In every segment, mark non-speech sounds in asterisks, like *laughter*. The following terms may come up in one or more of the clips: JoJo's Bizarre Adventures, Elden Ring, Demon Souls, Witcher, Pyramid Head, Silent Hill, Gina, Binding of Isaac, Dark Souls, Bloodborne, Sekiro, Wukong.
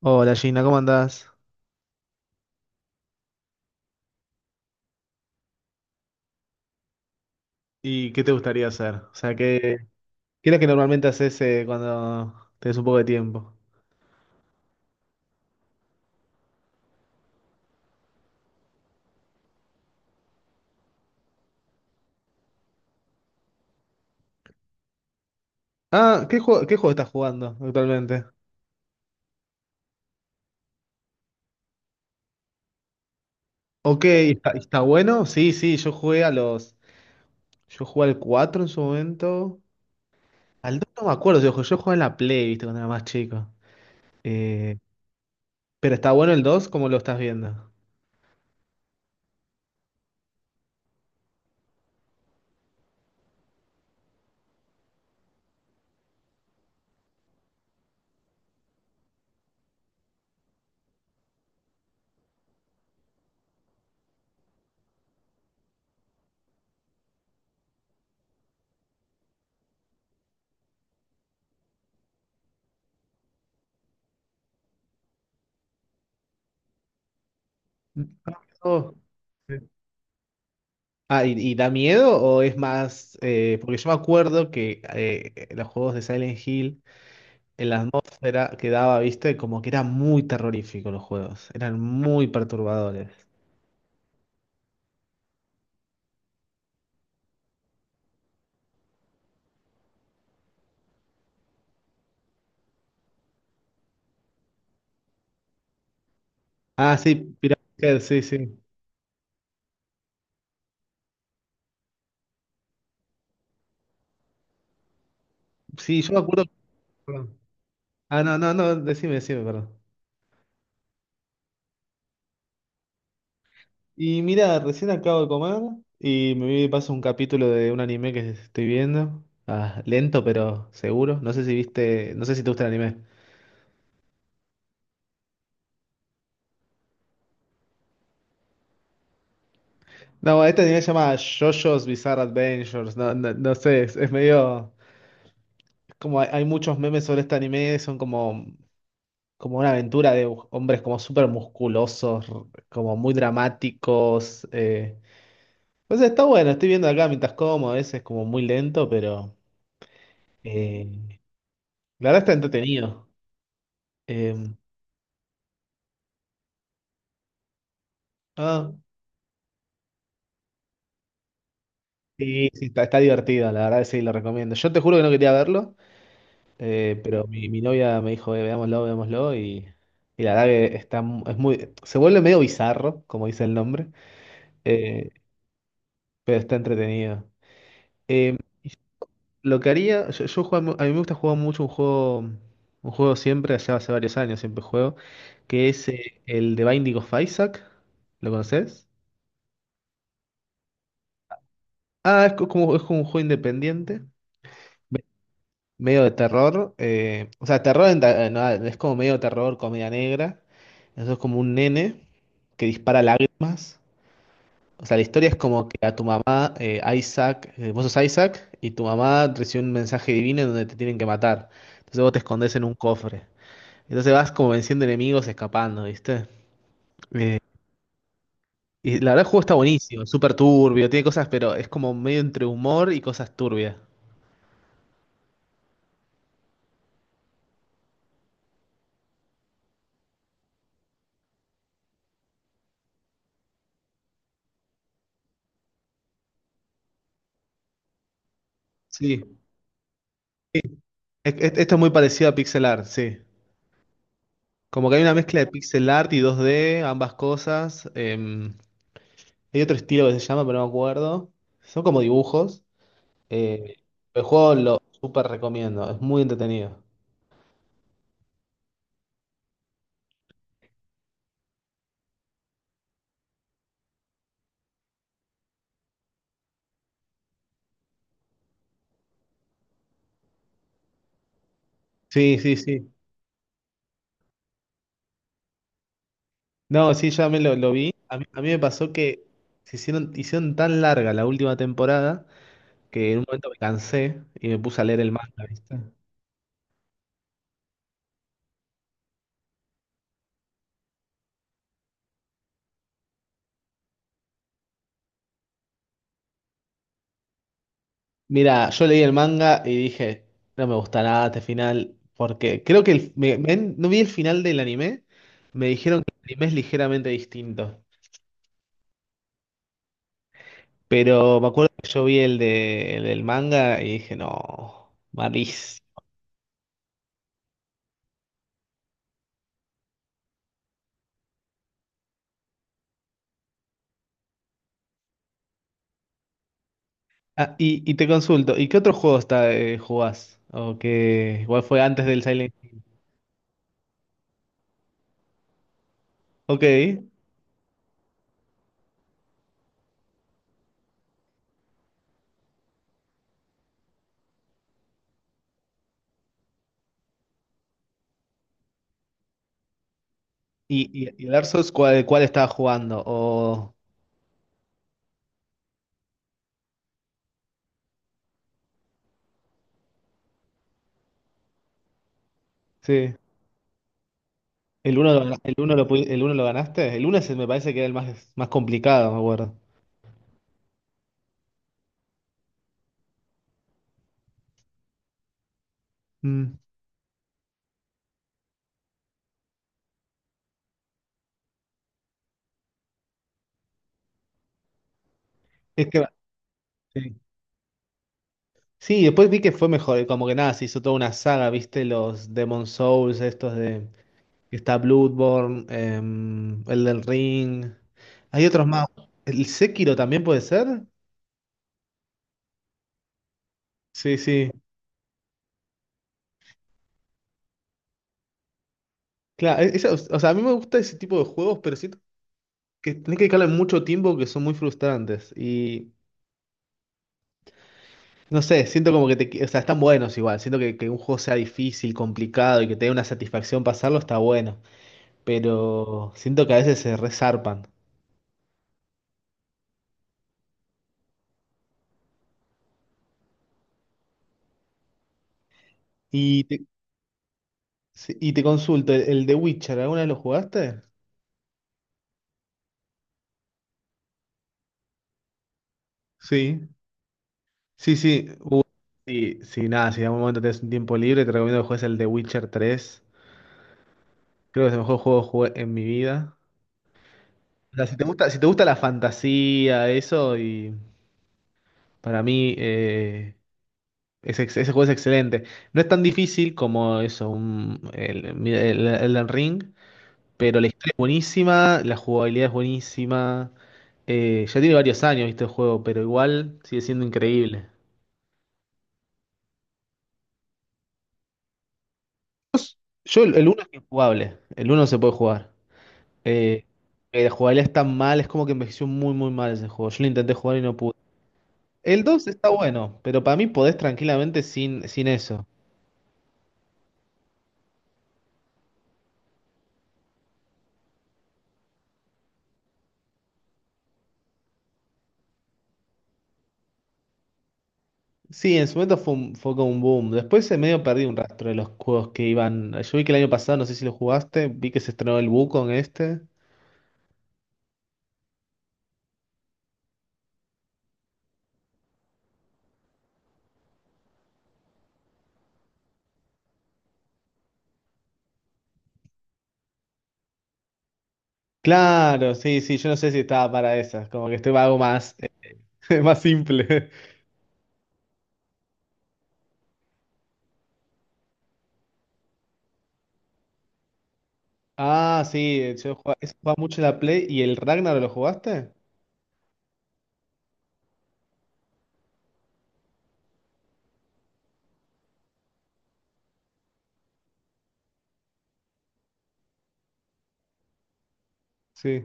Hola Gina, ¿cómo andás? ¿Y qué te gustaría hacer? O sea, *laughs* ¿Qué es lo que normalmente haces cuando tenés un poco de tiempo? Ah, qué juego estás jugando actualmente? Ok, ¿está bueno? Sí, sí, Yo jugué al 4 en su momento. Al 2 no me acuerdo, yo jugué en la Play, viste, cuando era más chico. Eh, pero ¿está bueno el dos? ¿Cómo lo estás viendo? Oh, sí. Ah, ¿y da miedo o es más? Porque yo me acuerdo que los juegos de Silent Hill, en la atmósfera que daba, viste, como que eran muy terroríficos los juegos, eran muy perturbadores. Ah, sí, Pyramid Head, sí, sí. Sí, yo me acuerdo. Perdón. Ah, no, no, no, decime, decime, perdón. Y mira, recién acabo de comer y me vi de paso un capítulo de un anime que estoy viendo. Ah, lento, pero seguro. No sé si viste, no sé si te gusta el anime. No, este anime se llama JoJo's Bizarre Adventures. No, no, no sé, es medio. Es como hay muchos memes sobre este anime, son como una aventura de hombres como súper musculosos, como muy dramáticos. Entonces está bueno, estoy viendo acá mientras como, a veces como muy lento, pero eh, la verdad está entretenido. Eh, ah, sí, sí, está divertido, la verdad que sí, lo recomiendo. Yo te juro que no quería verlo, pero mi novia me dijo, Veámoslo, veámoslo", y la verdad que está, es muy, se vuelve medio bizarro, como dice el nombre, eh, pero está entretenido. Eh, Lo que haría, a mí me gusta jugar mucho un juego siempre, allá hace varios años siempre juego, que es el de Binding of Isaac. ¿Lo conoces? Ah, es como un juego independiente, me- medio de terror. O sea, terror, no, es como medio terror, comedia negra. Eso es como un nene que dispara lágrimas. O sea, la historia es como que a tu mamá, Isaac, vos sos Isaac, y tu mamá recibe un mensaje divino en donde te tienen que matar. Entonces vos te escondes en un cofre. Entonces vas como venciendo enemigos, escapando, ¿viste? Eh, y la verdad el juego está buenísimo, súper turbio, tiene cosas, pero es como medio entre humor y cosas turbias. Sí, esto es muy parecido a pixel art, sí. Como que hay una mezcla de pixel art y 2D, ambas cosas. Hay otro estilo que se llama, pero no me acuerdo. Son como dibujos. eh, el juego lo súper recomiendo, es muy entretenido. Sí, sí, sí. No, sí, ya me lo vi. A mí me pasó que se hicieron tan larga la última temporada que en un momento me cansé y me puse a leer el manga, ¿viste? Mira, yo leí el manga y dije, no me gusta nada este final, porque creo que no vi el final del anime, me dijeron que el anime es ligeramente distinto, pero me acuerdo que yo vi el del manga y dije, no, malísimo. Ah, y te consulto, ¿y qué otro juego jugás? O que igual fue antes del Silent Hill. Ok, ¿y el Dark Souls cuál estaba jugando? Sí. El uno lo ganaste. El uno se me parece que era el más, más complicado, me acuerdo. Mm. Es que, sí. Sí, después vi que fue mejor. Y como que nada, se hizo toda una saga, ¿viste? Los Demon Souls, estos de que está Bloodborne, el del Ring. Hay otros más. ¿El Sekiro también puede ser? Sí, sí. Claro, o sea, a mí me gusta ese tipo de juegos, pero siento que tenés que dedicarle mucho tiempo que son muy frustrantes. Y no sé, siento como que o sea, están buenos igual. Siento que un juego sea difícil, complicado y que te dé una satisfacción pasarlo está bueno. Pero siento que a veces se resarpan. Y te, sí, y te consulto, el de Witcher, ¿alguna vez lo jugaste? Sí, sí, sí. Sí, sí, nada, si en algún momento tenés un tiempo libre, te recomiendo que juegues el de Witcher tres. Creo que es el mejor juego que jugué en mi vida. O sea, si te gusta, si te gusta la fantasía, eso, y para mí. Ese juego es excelente. No es tan difícil como eso, Elden Ring, pero la historia es buenísima, la jugabilidad es buenísima. Ya tiene varios años, este juego, pero igual sigue siendo increíble. El uno es injugable, el uno se puede jugar. Eh, la jugabilidad es tan mal, es como que envejeció muy, muy mal ese juego. Yo lo intenté jugar y no pude. El 2 está bueno, pero para mí podés tranquilamente sin eso. Sí, en su momento fue como un boom. Después se medio perdí un rastro de los juegos que iban. Yo vi que el año pasado, no sé si lo jugaste, vi que se estrenó el Wukong este. Claro, sí, sí, yo no sé si estaba para esas, como que algo más, *laughs* más simple. Ah, sí, yo jugaba, eso jugaba mucho en la Play. ¿Y el Ragnarok lo jugaste? Sí.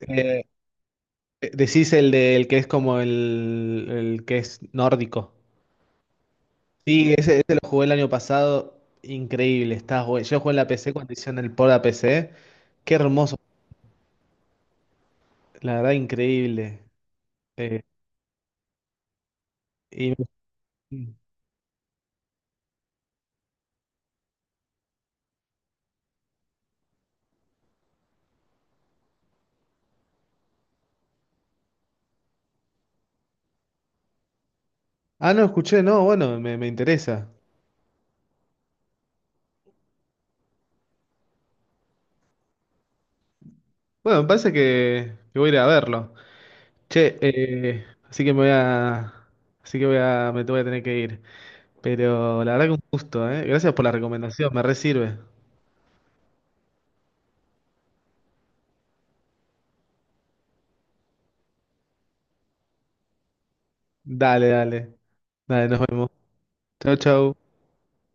Eh, decís el del que es como el que es nórdico. Sí, ese lo jugué el año pasado. Increíble, está, bueno. Yo jugué en la PC cuando hicieron el port a PC. Qué hermoso. La verdad, increíble. Eh, y- Ah, no, escuché, no, bueno, me interesa. Bueno, me parece que voy a ir a verlo. Che, así que me voy a. Así que me voy a tener que ir. Pero la verdad que un gusto, ¿eh? Gracias por la recomendación, me re sirve. Dale, dale. Dale, nos vemos. Chau, chau.